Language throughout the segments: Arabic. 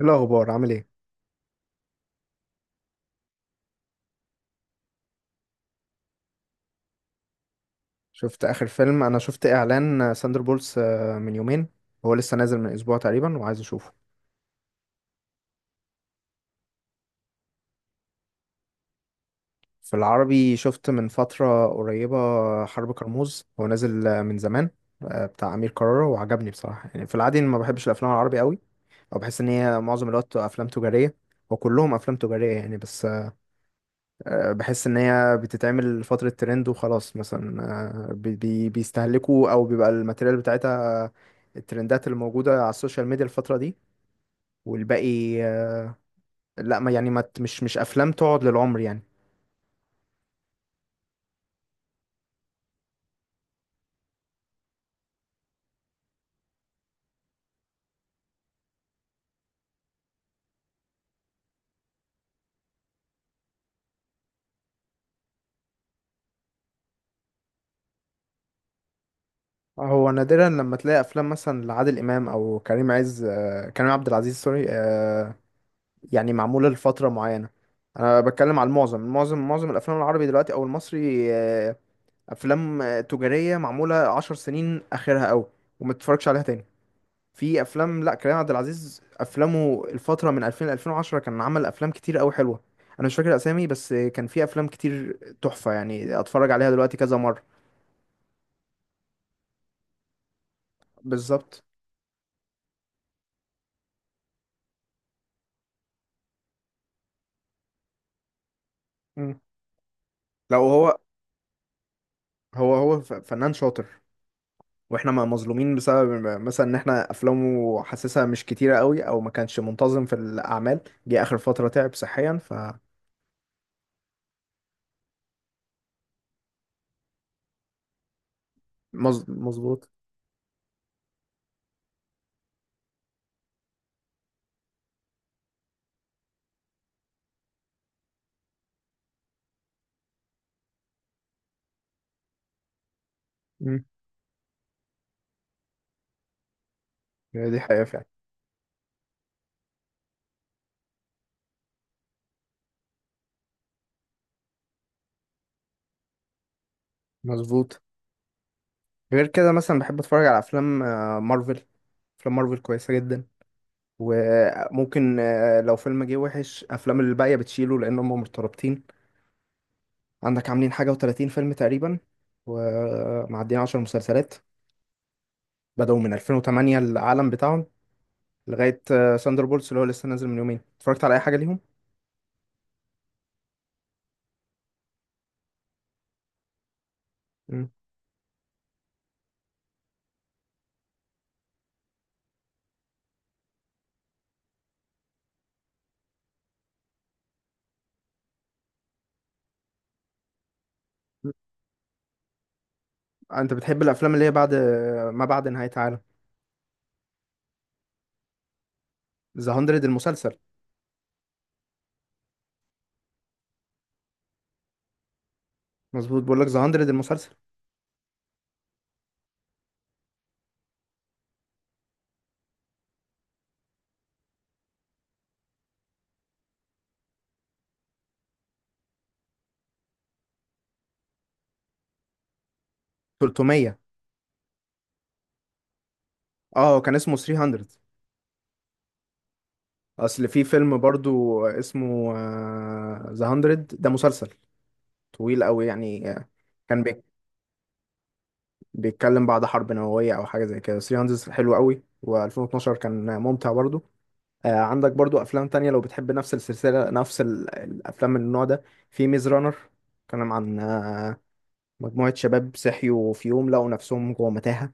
إيه الأخبار؟ عامل ايه؟ شفت آخر فيلم، أنا شفت إعلان ساندر بولس من يومين. هو لسه نازل من أسبوع تقريبا وعايز أشوفه. في العربي شفت من فترة قريبة حرب كرموز، هو نازل من زمان، بتاع أمير كرارة، وعجبني بصراحة. يعني في العادي أنا ما بحبش الأفلام العربي قوي، أو بحس إن هي معظم الوقت أفلام تجارية، وكلهم أفلام تجارية يعني. بس بحس ان هي بتتعمل فترة ترند وخلاص مثلا. بيستهلكوا او بيبقى الماتيريال بتاعتها، الترندات اللي موجودة على السوشيال ميديا الفترة دي، والباقي لا، ما يعني، ما ت- مش افلام تقعد للعمر يعني. هو نادرا لما تلاقي افلام مثلا لعادل امام او كريم عز، كريم عبد العزيز، سوري، يعني معمولة لفترة معينة. انا بتكلم على المعظم، معظم الافلام العربي دلوقتي او المصري، افلام تجارية معمولة 10 سنين اخرها قوي، وما تتفرجش عليها تاني. في افلام، لا، كريم عبد العزيز افلامه الفتره من 2000 ل 2010 كان عمل افلام كتير قوي حلوه. انا مش فاكر اسامي، بس كان في افلام كتير تحفه يعني اتفرج عليها دلوقتي كذا مره. بالظبط. مم. لو هو، هو فنان شاطر، واحنا مظلومين بسبب مثلا ان احنا افلامه حاسسها مش كتيره قوي، او ما كانش منتظم في الاعمال، جه اخر فتره تعب صحيا ف... مظبوط. مم. هي دي حقيقه فعلا. مظبوط. غير كده مثلا بحب اتفرج على افلام مارفل. افلام مارفل كويسه جدا، وممكن لو فيلم جه وحش، افلام اللي الباقيه بتشيله لان هم مرتبطين. عندك عاملين حاجه و30 فيلم تقريبا، ومعديين 10 مسلسلات، بدأوا من 2008 العالم بتاعهم لغايه ساندر بولتس اللي هو لسه نازل من يومين. اتفرجت على اي حاجه ليهم؟ مم. انت بتحب الافلام اللي هي بعد، ما بعد نهايه عالم؟ ذا 100 المسلسل. مظبوط، بقول لك ذا 100 المسلسل. 300. اه كان اسمه 300. اصل في فيلم برضو اسمه ذا 100، ده مسلسل طويل قوي يعني. كان بيك- بيتكلم بعد حرب نووية أو حاجة زي كده. 300 حلو قوي، و2012 كان ممتع برضو. آه عندك برضو أفلام تانية لو بتحب نفس السلسلة، نفس الأفلام من النوع ده. في ميز رانر، كان عن مجموعة شباب صحيوا في يوم لقوا نفسهم جوه متاهة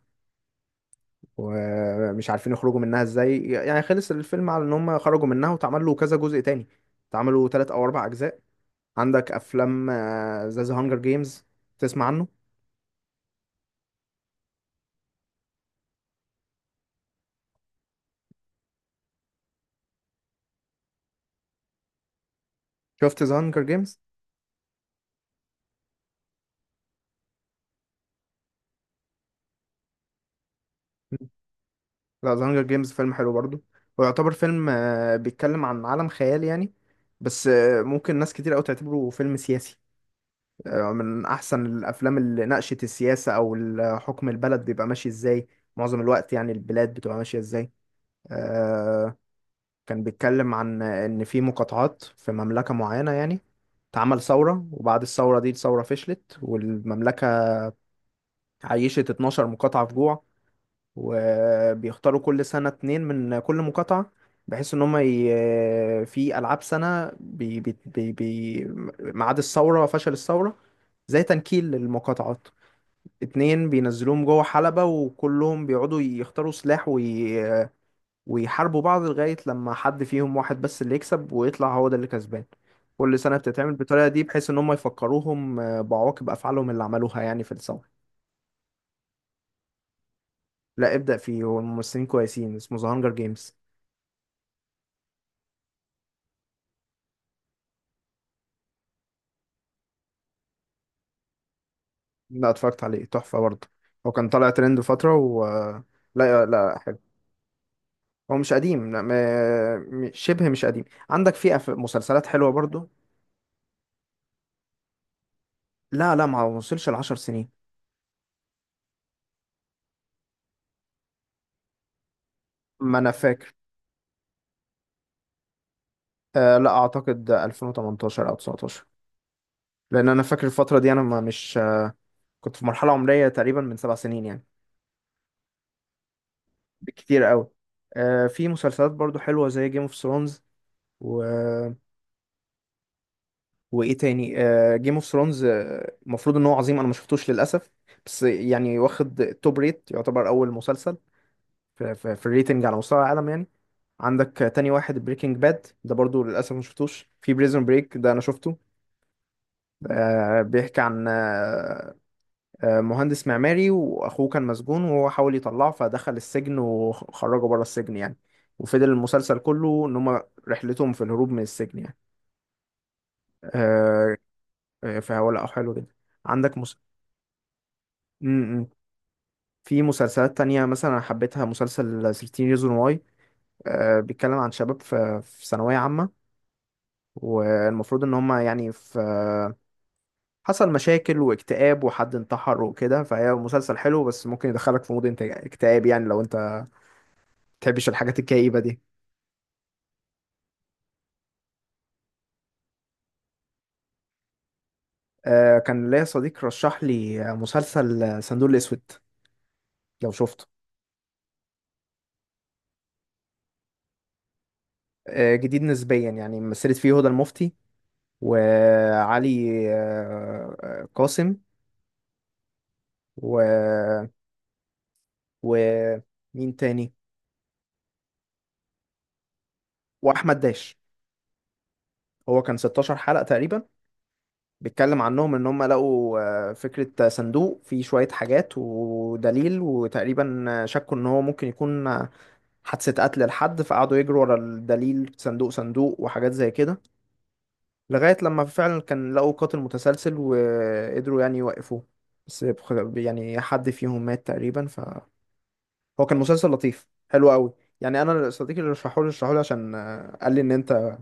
ومش عارفين يخرجوا منها ازاي. يعني خلص الفيلم على ان هم خرجوا منها، واتعمل له كذا جزء تاني، اتعملوا تلات او اربع اجزاء. عندك افلام زي ذا هانجر جيمز، تسمع عنه؟ شفت ذا هانجر جيمز؟ لا، زهانجر جيمز فيلم حلو برضه. هو يعتبر فيلم، بيتكلم عن عالم خيال يعني. بس ممكن ناس كتير قوي تعتبره فيلم سياسي. من احسن الافلام اللي ناقشت السياسة او حكم البلد بيبقى ماشي ازاي، معظم الوقت يعني البلاد بتبقى ماشية ازاي. آه، كان بيتكلم عن ان في مقاطعات في مملكة معينة يعني، اتعمل ثورة، وبعد الثورة دي الثورة فشلت، والمملكة عيشت 12 مقاطعة في جوع. وبيختاروا كل سنة اتنين من كل مقاطعة، بحيث ان هم في العاب سنة ميعاد الثورة وفشل الثورة، زي تنكيل للمقاطعات. اتنين بينزلوهم جوه حلبة، وكلهم بيقعدوا يختاروا سلاح ويحاربوا بعض لغاية لما حد فيهم، واحد بس اللي يكسب ويطلع، هو ده اللي كسبان. كل سنة بتتعمل بالطريقة دي، بحيث ان هم يفكروهم بعواقب افعالهم اللي عملوها يعني في الثورة. لا، ابدأ فيه، هو الممثلين كويسين، اسمه ذا هانجر جيمز. لا، اتفرجت عليه تحفة برضه. هو كان طالع ترند فترة و... لا لا، حلو. هو مش قديم، لا م... م- شبه مش قديم. عندك في مسلسلات حلوة برضه. لا لا، ما وصلش ال10 سنين. ما أنا فاكر. آه لا، أعتقد 2018 أو 19، لأن أنا فاكر الفترة دي أنا ما مش كنت في مرحلة عمرية تقريبا من 7 سنين يعني، بالكتير قوي. آه في مسلسلات برضه حلوة زي جيم اوف ثرونز. وايه تاني؟ جيم اوف ثرونز المفروض ان هو عظيم، انا ما شفتوش للاسف. بس يعني واخد توب ريت، يعتبر اول مسلسل في الريتنج على مستوى العالم يعني. عندك تاني واحد، بريكنج باد، ده برضو للاسف ما شفتوش. في بريزون بريك ده انا شفته. بيحكي عن مهندس معماري واخوه كان مسجون، وهو حاول يطلعه فدخل السجن وخرجه بره السجن يعني. وفضل المسلسل كله ان هم رحلتهم في الهروب من السجن يعني. آه، فهو لا، حلو جدا. عندك مس... م- م. في مسلسلات تانية مثلا أنا حبيتها، مسلسل 13 Reasons Why. بيتكلم عن شباب في في ثانوية عامة، والمفروض إن هما يعني في... حصل مشاكل واكتئاب وحد انتحر وكده، فهي مسلسل حلو، بس ممكن يدخلك في مود اكتئاب يعني لو أنت بتحبش الحاجات الكئيبة دي. كان ليا صديق رشح لي مسلسل صندوق الأسود، لو شفته. جديد نسبيا يعني. مثلت فيه هدى المفتي، وعلي قاسم، و... ومين تاني؟ واحمد داش. هو كان 16 حلقة تقريبا، بيتكلم عنهم ان هم لقوا فكرة صندوق فيه شوية حاجات ودليل، وتقريبا شكوا ان هو ممكن يكون حادثة قتل لحد، فقعدوا يجروا ورا الدليل، صندوق صندوق وحاجات زي كده، لغاية لما فعلا كان لقوا قاتل متسلسل وقدروا يعني يوقفوه. بس يعني حد فيهم مات تقريبا. فهو كان مسلسل لطيف حلو قوي يعني. انا صديقي اللي رشحهولي عشان قال لي ان انت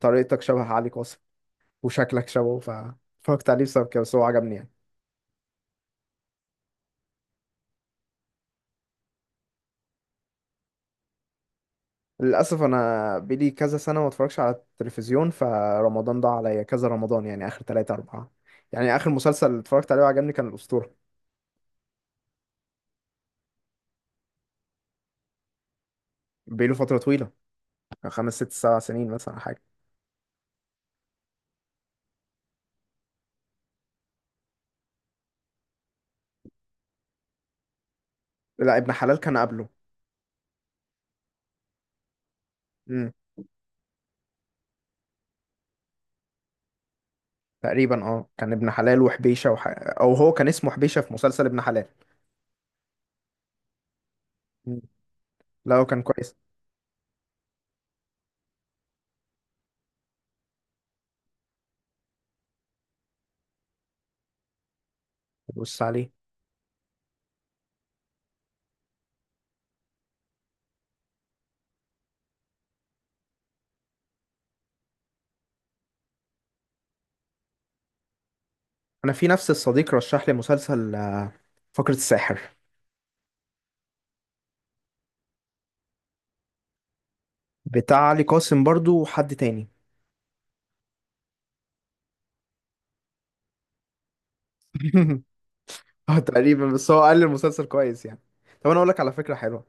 طريقتك شبه علي قاسم وشكلك شبهه، فاتفرجت عليه بسبب كده، بس هو عجبني يعني. للأسف أنا بقالي كذا سنة ما اتفرجش على التلفزيون، فرمضان ضاع عليا كذا رمضان يعني، آخر تلاتة أربعة. يعني آخر مسلسل اتفرجت عليه وعجبني كان الأسطورة. بقاله فترة طويلة، كان 5 6 7 سنين مثلا حاجة. لا، ابن حلال كان قبله. امم، تقريبا. اه كان ابن حلال وحبيشة أو هو كان اسمه حبيشة في مسلسل ابن حلال. مم. لا هو كان كويس. بص عليه. أنا في نفس الصديق رشح لي مسلسل فقرة الساحر. بتاع علي قاسم برضو وحد تاني. اه تقريبا، بس هو قال لي المسلسل كويس يعني. طب انا اقول لك على فكرة حلوة،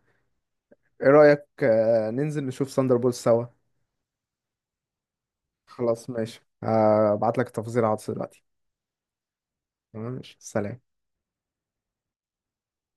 ايه رأيك ننزل نشوف ساندر بولز سوا؟ خلاص ماشي، ابعت لك التفاصيل على الواتس دلوقتي. تمام؟ ماشي، سلام.